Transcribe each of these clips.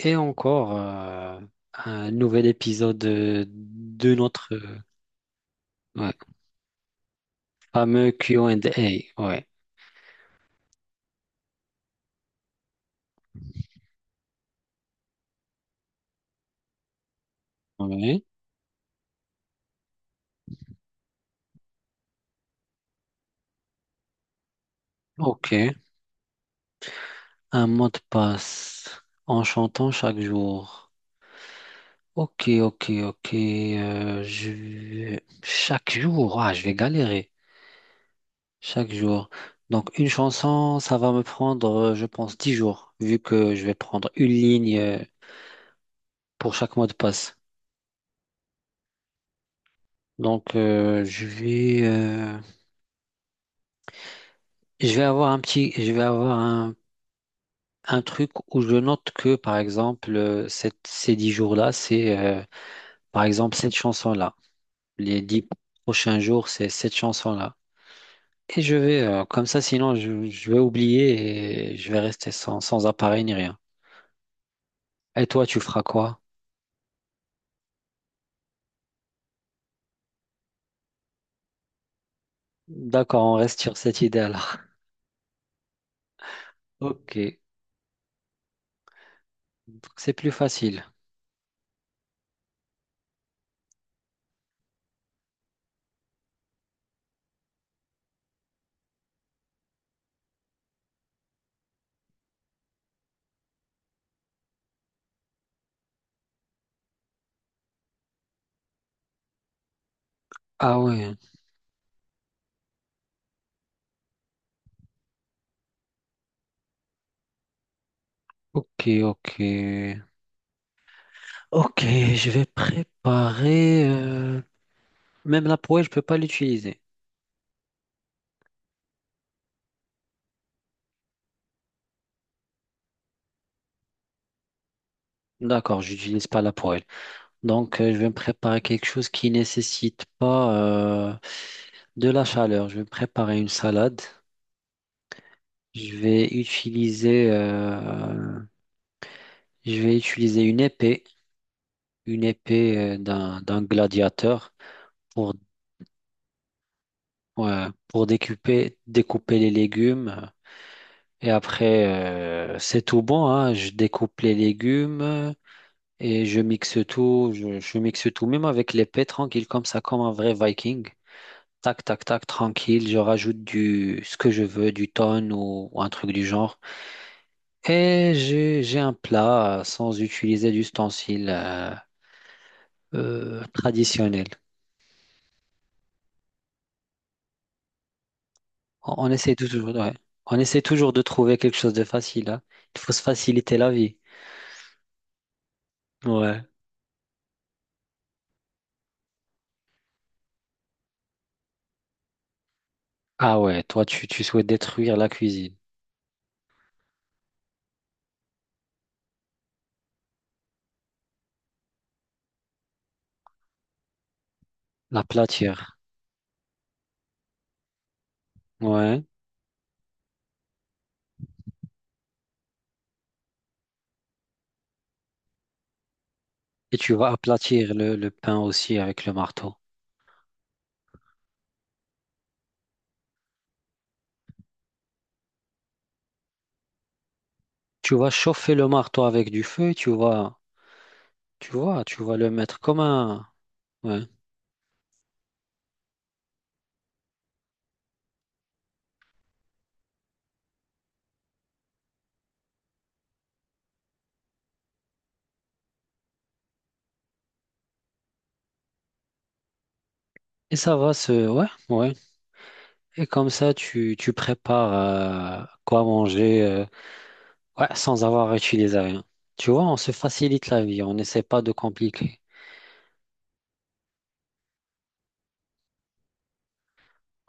Et encore un nouvel épisode de notre ouais, fameux Q&A. Ouais. Ouais. Ok. Un mot de passe en chantant chaque jour. Ok, ok, ok. Chaque jour, ah, je vais galérer. Chaque jour. Donc une chanson, ça va me prendre, je pense, 10 jours, vu que je vais prendre une ligne pour chaque mot de passe. Donc je vais avoir un truc où je note que, par exemple, ces 10 jours-là, c'est, par exemple, cette chanson-là. Les 10 prochains jours, c'est cette chanson-là. Et je vais, comme ça, sinon, je vais oublier et je vais rester sans, sans appareil ni rien. Et toi, tu feras quoi? D'accord, on reste sur cette idée-là. Ok, donc c'est plus facile. Ah ouais, ok, ok. Ok, je vais préparer. Même la poêle, je peux pas l'utiliser. D'accord, j'utilise pas la poêle. Donc, je vais me préparer quelque chose qui nécessite pas de la chaleur. Je vais me préparer une salade. Je vais utiliser, euh, je vais utiliser une épée d'un gladiateur pour ouais, pour découper les légumes. Et après, c'est tout bon, hein. Je découpe les légumes et je mixe tout. Je mixe tout, même avec l'épée, tranquille comme ça, comme un vrai Viking. Tac, tac, tac, tranquille. Je rajoute du ce que je veux, du thon ou un truc du genre. Et j'ai un plat sans utiliser d'ustensiles traditionnels. On essaie toujours, ouais. On essaie toujours de trouver quelque chose de facile, hein. Il faut se faciliter la vie. Ouais. Ah ouais, toi tu souhaites détruire la cuisine, l'aplatir. Ouais. Et tu vas aplatir le pain aussi avec le marteau. Tu vas chauffer le marteau avec du feu, tu vois, tu vas le mettre comme un. Ouais. Et ça va se... Ouais, ouais. Et comme ça, tu prépares quoi manger ouais, sans avoir utilisé rien. Tu vois, on se facilite la vie, on n'essaie pas de compliquer.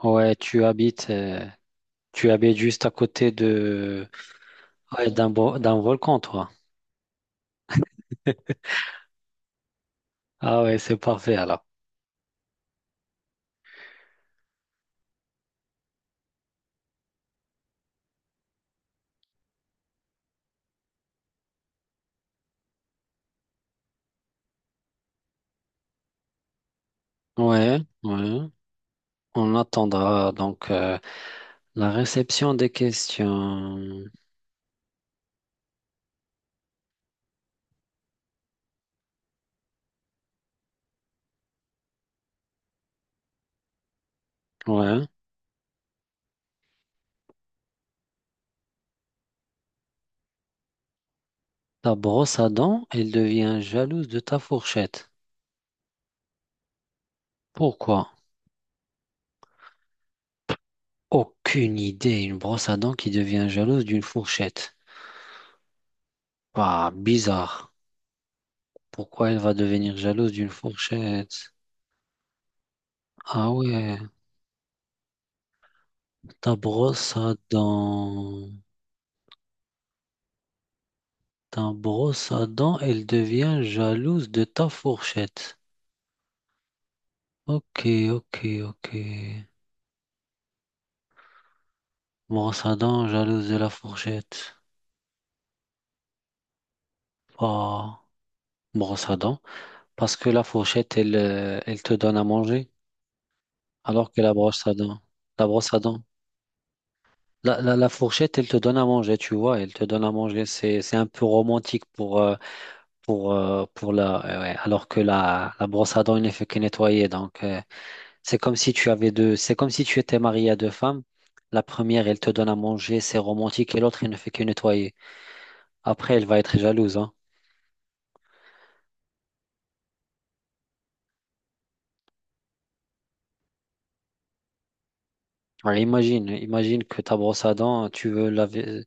Ouais, tu habites juste à côté de, ouais, d'un volcan, toi. Ah ouais, c'est parfait alors. Ouais, ouais. On attendra donc la réception des questions. Ouais. Ta brosse à dents, elle devient jalouse de ta fourchette. Pourquoi? Aucune idée. Une brosse à dents qui devient jalouse d'une fourchette. Bah, bizarre. Pourquoi elle va devenir jalouse d'une fourchette? Ah ouais. Ta brosse à dents. Ta brosse à dents, elle devient jalouse de ta fourchette. Ok, ok, ok. Brosse à dents, jalouse de la fourchette. Bah, brosse à dents. Parce que la fourchette, elle te donne à manger. Alors que la brosse à dents. La brosse à dents. La fourchette, elle te donne à manger, tu vois, elle te donne à manger. C'est un peu romantique pour la, ouais, alors que la brosse à dents, il ne fait que nettoyer. Donc, c'est comme si tu étais marié à deux femmes. La première, elle te donne à manger, c'est romantique, et l'autre, elle ne fait que nettoyer. Après, elle va être jalouse, hein. Alors, imagine que ta brosse à dents, tu veux laver,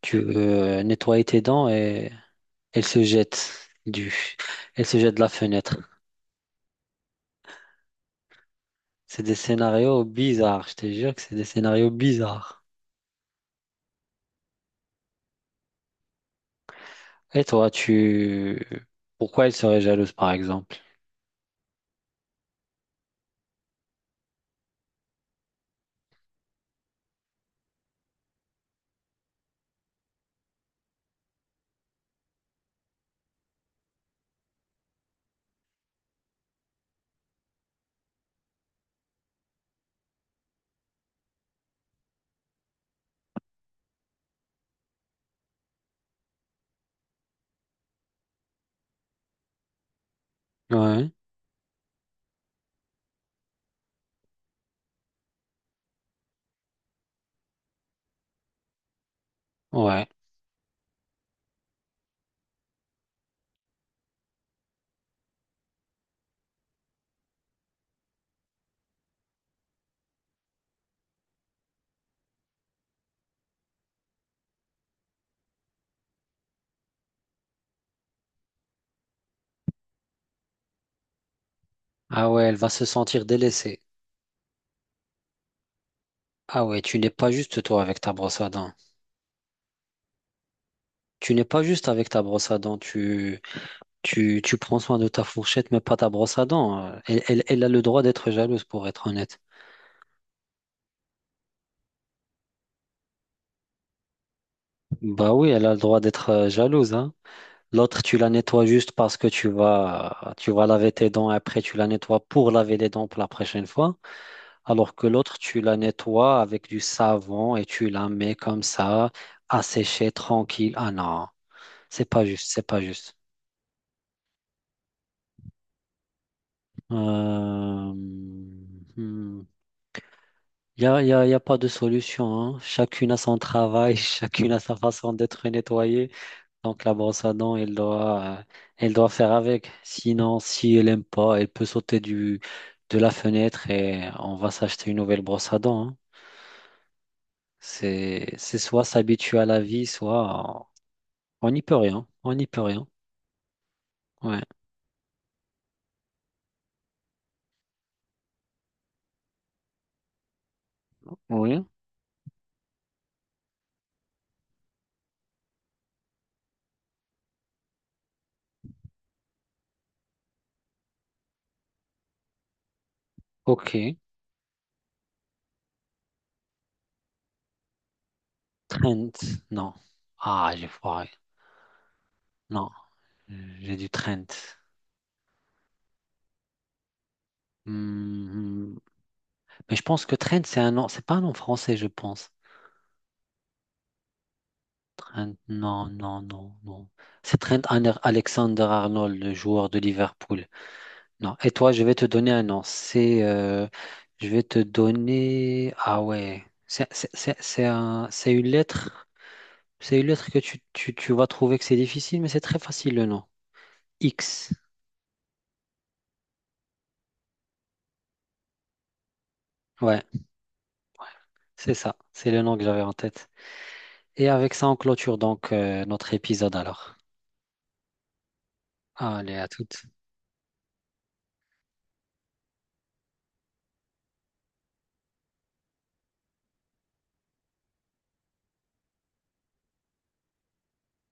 tu veux nettoyer tes dents et elle se jette du, elle se jette de la fenêtre. C'est des scénarios bizarres, je te jure que c'est des scénarios bizarres. Et toi, pourquoi elle serait jalouse, par exemple? Ouais, ouais. Ah ouais, elle va se sentir délaissée. Ah ouais, tu n'es pas juste toi avec ta brosse à dents. Tu n'es pas juste avec ta brosse à dents. Tu prends soin de ta fourchette, mais pas ta brosse à dents. Elle a le droit d'être jalouse, pour être honnête. Bah oui, elle a le droit d'être jalouse, hein. L'autre, tu la nettoies juste parce que tu vas laver tes dents. Après, tu la nettoies pour laver les dents pour la prochaine fois. Alors que l'autre, tu la nettoies avec du savon et tu la mets comme ça, à sécher tranquille. Ah non, c'est pas juste, c'est pas juste. Euh... Il y a, y a- y a pas de solution, hein. Chacune a son travail, chacune a sa façon d'être nettoyée. Donc la brosse à dents, elle doit faire avec. Sinon, si elle aime pas, elle peut sauter de la fenêtre et on va s'acheter une nouvelle brosse à dents, hein. C'est soit s'habituer à la vie, soit on n'y peut rien. On n'y peut rien. Ouais. Oui. Ok. Trent. Non. Ah, j'ai foiré. Non. J'ai du Trent. Hmm, hmm. Mais je pense que Trent, c'est un nom. C'est pas un nom français, je pense. Trent, non, non, non, non. C'est Trent Alexander-Arnold, le joueur de Liverpool. Non. Et toi, je vais te donner un nom. Je vais te donner. Ah ouais. C'est une lettre. C'est une lettre que tu vas trouver que c'est difficile, mais c'est très facile le nom. X. Ouais. Ouais. C'est ça. C'est le nom que j'avais en tête. Et avec ça, on clôture donc notre épisode alors. Allez, à toutes.